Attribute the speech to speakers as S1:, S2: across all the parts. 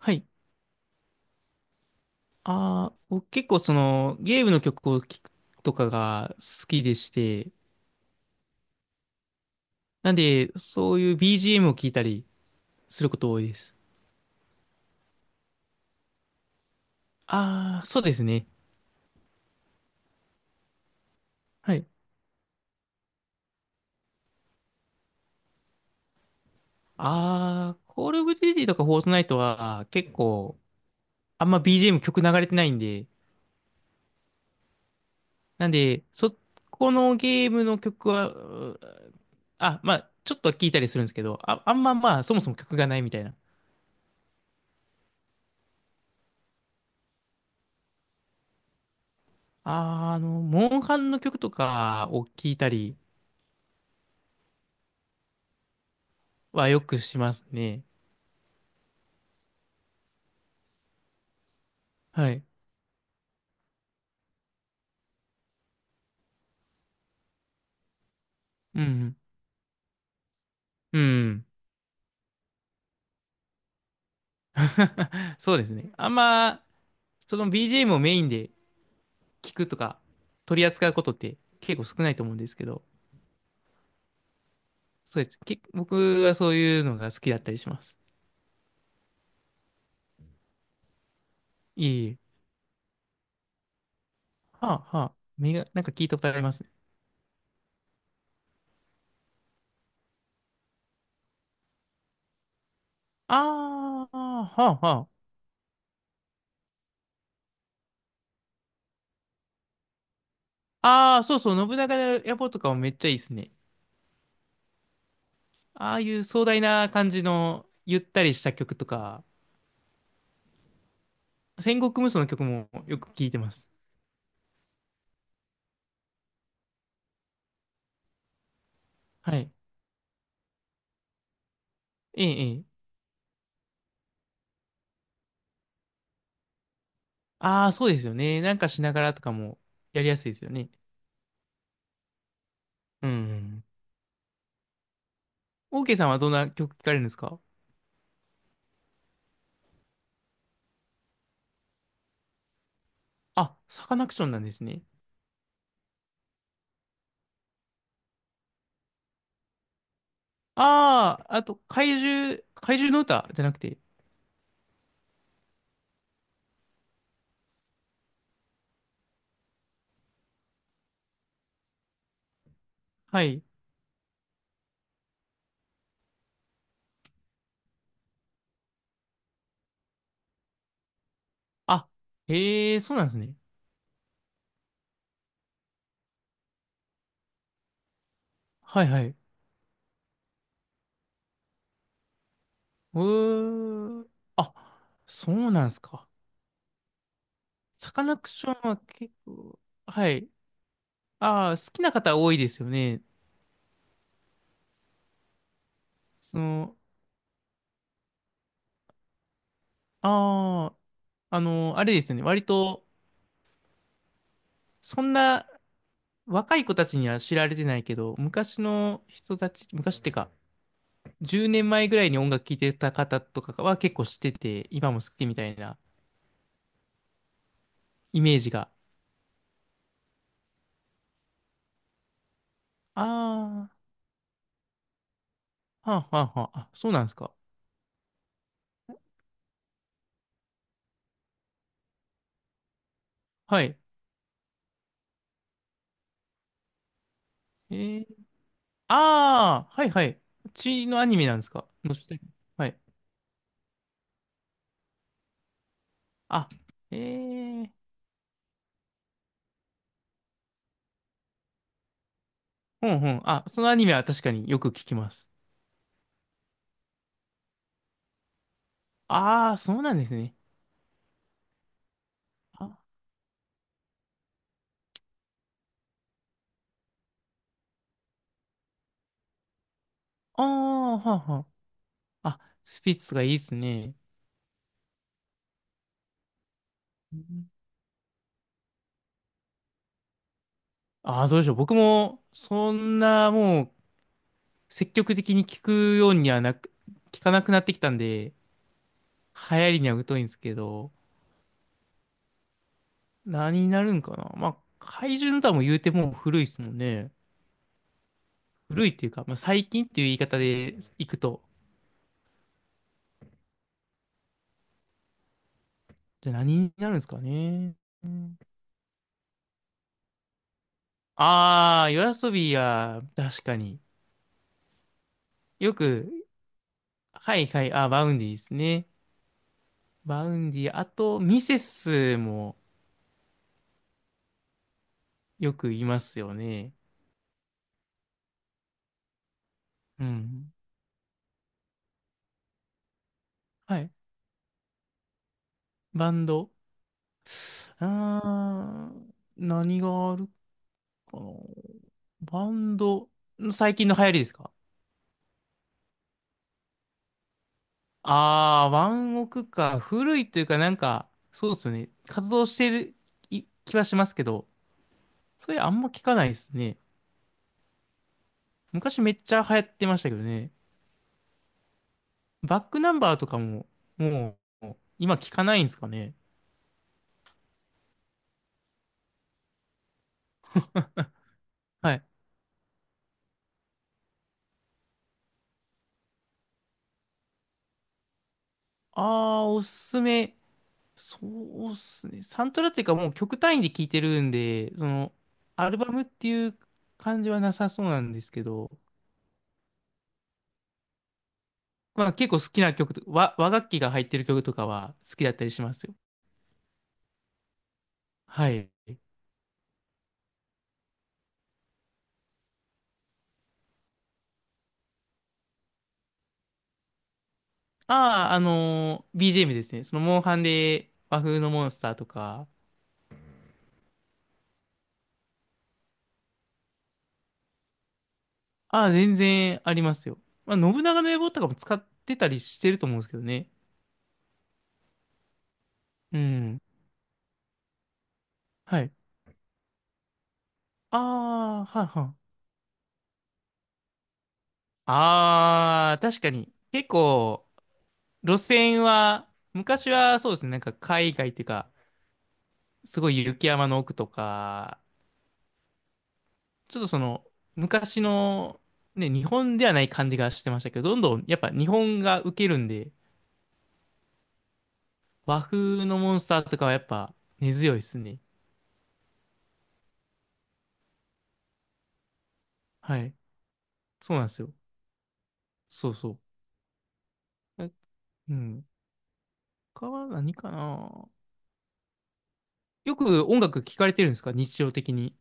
S1: はい。ああ、僕結構そのゲームの曲を聴くとかが好きでして、なんでそういう BGM を聴いたりすること多いです。ああ、そうですね。はい。ああ、コールオブデューティーとかフォートナイトは結構あんま BGM 曲流れてないんで、なんでそこのゲームの曲は、まあちょっとは聴いたりするんですけど、あんま、まあそもそも曲がないみたいな。あー、あの、モンハンの曲とかを聴いたりはよくしますね。はい。うん。うん。そうですね。あんま、その BGM をメインで聞くとか、取り扱うことって結構少ないと思うんですけど、そうです。け、僕はそういうのが好きだったりします。いえいえ。はあ、はあ。目が、なんか聞いたことありますね。ああ、はあ、はあ。ああ、そうそう。信長野望とかもめっちゃいいですね。ああいう壮大な感じの、ゆったりした曲とか、戦国無双の曲もよく聞いてます。はい。ええ、ええ。ああ、そうですよね。なんかしながらとかもやりやすいですよね。うん。オーケーさんはどんな曲聞かれるんですか？あ、サカナクションなんですね。ああ、あと、怪獣の歌じゃなくて。はい。あ、へえ、そうなんですね。はいはい。うー。あ、そうなんですか。サカナクションは結構、はい。ああ、好きな方多いですよね。その、ああ、あの、あれですよね。割と、そんな、若い子たちには知られてないけど、昔の人たち、昔ってか、10年前ぐらいに音楽聴いてた方とかは結構知ってて、今も好きみたいなイメージが。あー、はあ、はあ、はあ、あ、そうなんですか。はい。えー、あー、はい、はい。血のアニメなんですかのして、はい。あ、えー、ほんほん。あ、そのアニメは確かによく聞きます。あー、そうなんですね。あ、あー、はあ、はあ。あ、スピッツがいいですね。ああ、どうでしょう。僕も、そんな、もう、積極的に聞くようにはなく、聞かなくなってきたんで、流行りには疎いんですけど、何になるんかな。まあ、怪獣の歌も言うてもう古いですもんね。古いっていうか、まあ、最近っていう言い方でいくと。じゃあ何になるんですかね。ああ、夜遊びは、確かに。よく、はいはい、あ、バウンディですね。バウンディ、あと、ミセスもよく言いますよね。うん。はい、バンド。うーん、何があるかな。バンド、最近の流行りですか？ああー、ワンオクか。古いというか、なんか、そうですよね。活動してるい気はしますけど、それあんま聞かないですね。昔めっちゃ流行ってましたけどね。バックナンバーとかも、もう、今聞かないんですかね。はい。ああ、おすすめ。そうっすね。サントラっていうかもう曲単位で聴いてるんで、その、アルバムっていう感じはなさそうなんですけど、まあ結構好きな曲と、和楽器が入ってる曲とかは好きだったりしますよ。はい。ああ、あのー BGM ですね。その、モンハンで和風のモンスターとか、ああ、全然ありますよ。まあ、信長の野望とかも使ってたりしてると思うんですけどね。うん。はい。ああ、はいはい。ああ、確かに。結構、路線は、昔はそうですね、なんか海外っていうか、すごい雪山の奥とか、ちょっとその、昔の、ね、日本ではない感じがしてましたけど、どんどんやっぱ日本が受けるんで、和風のモンスターとかはやっぱ根強いですね。はい。そうなんですよ。そうそう。うん。他は何かな。よく音楽聴かれてるんですか日常的に。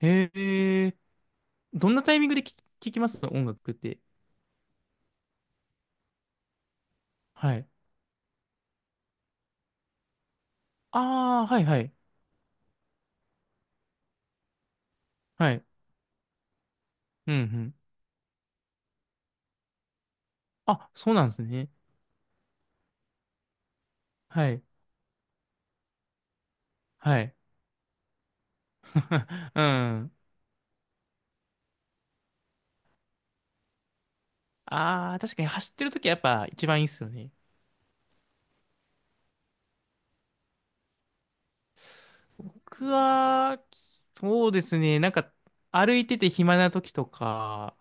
S1: へえ。どんなタイミングで聞きます音楽って。はい。ああ、はいはい。はい。うんうん、あ、そうなんですね。はい。はい。うん。ああ、確かに走ってるときはやっぱ一番いいっすよね。僕は、そうですね。なんか、歩いてて暇なときとか、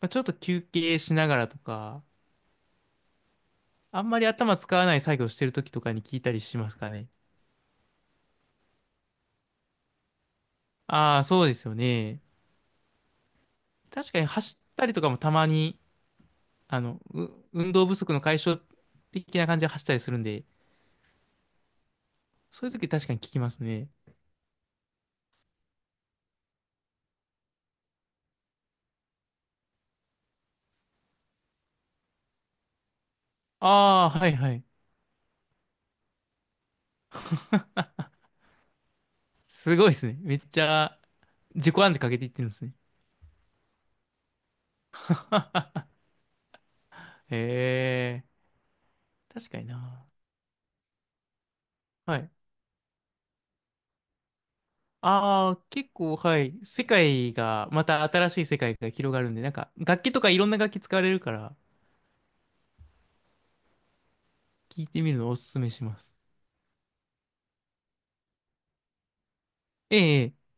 S1: まあちょっと休憩しながらとか、あんまり頭使わない作業してるときとかに聞いたりしますかね。ああ、そうですよね。確かに走ったりとかもたまに、あの、う運動不足の解消的な感じで走ったりするんで、そういうとき確かに聞きますね。ああ、はいはい。すごいですね。めっちゃ自己暗示かけていってるんですね。へえ、確かにな。はい。ああ、結構、はい。世界が、また新しい世界が広がるんで、なんか、楽器とかいろんな楽器使われるから、聞いてみるのをおすすめします。ええ。ええ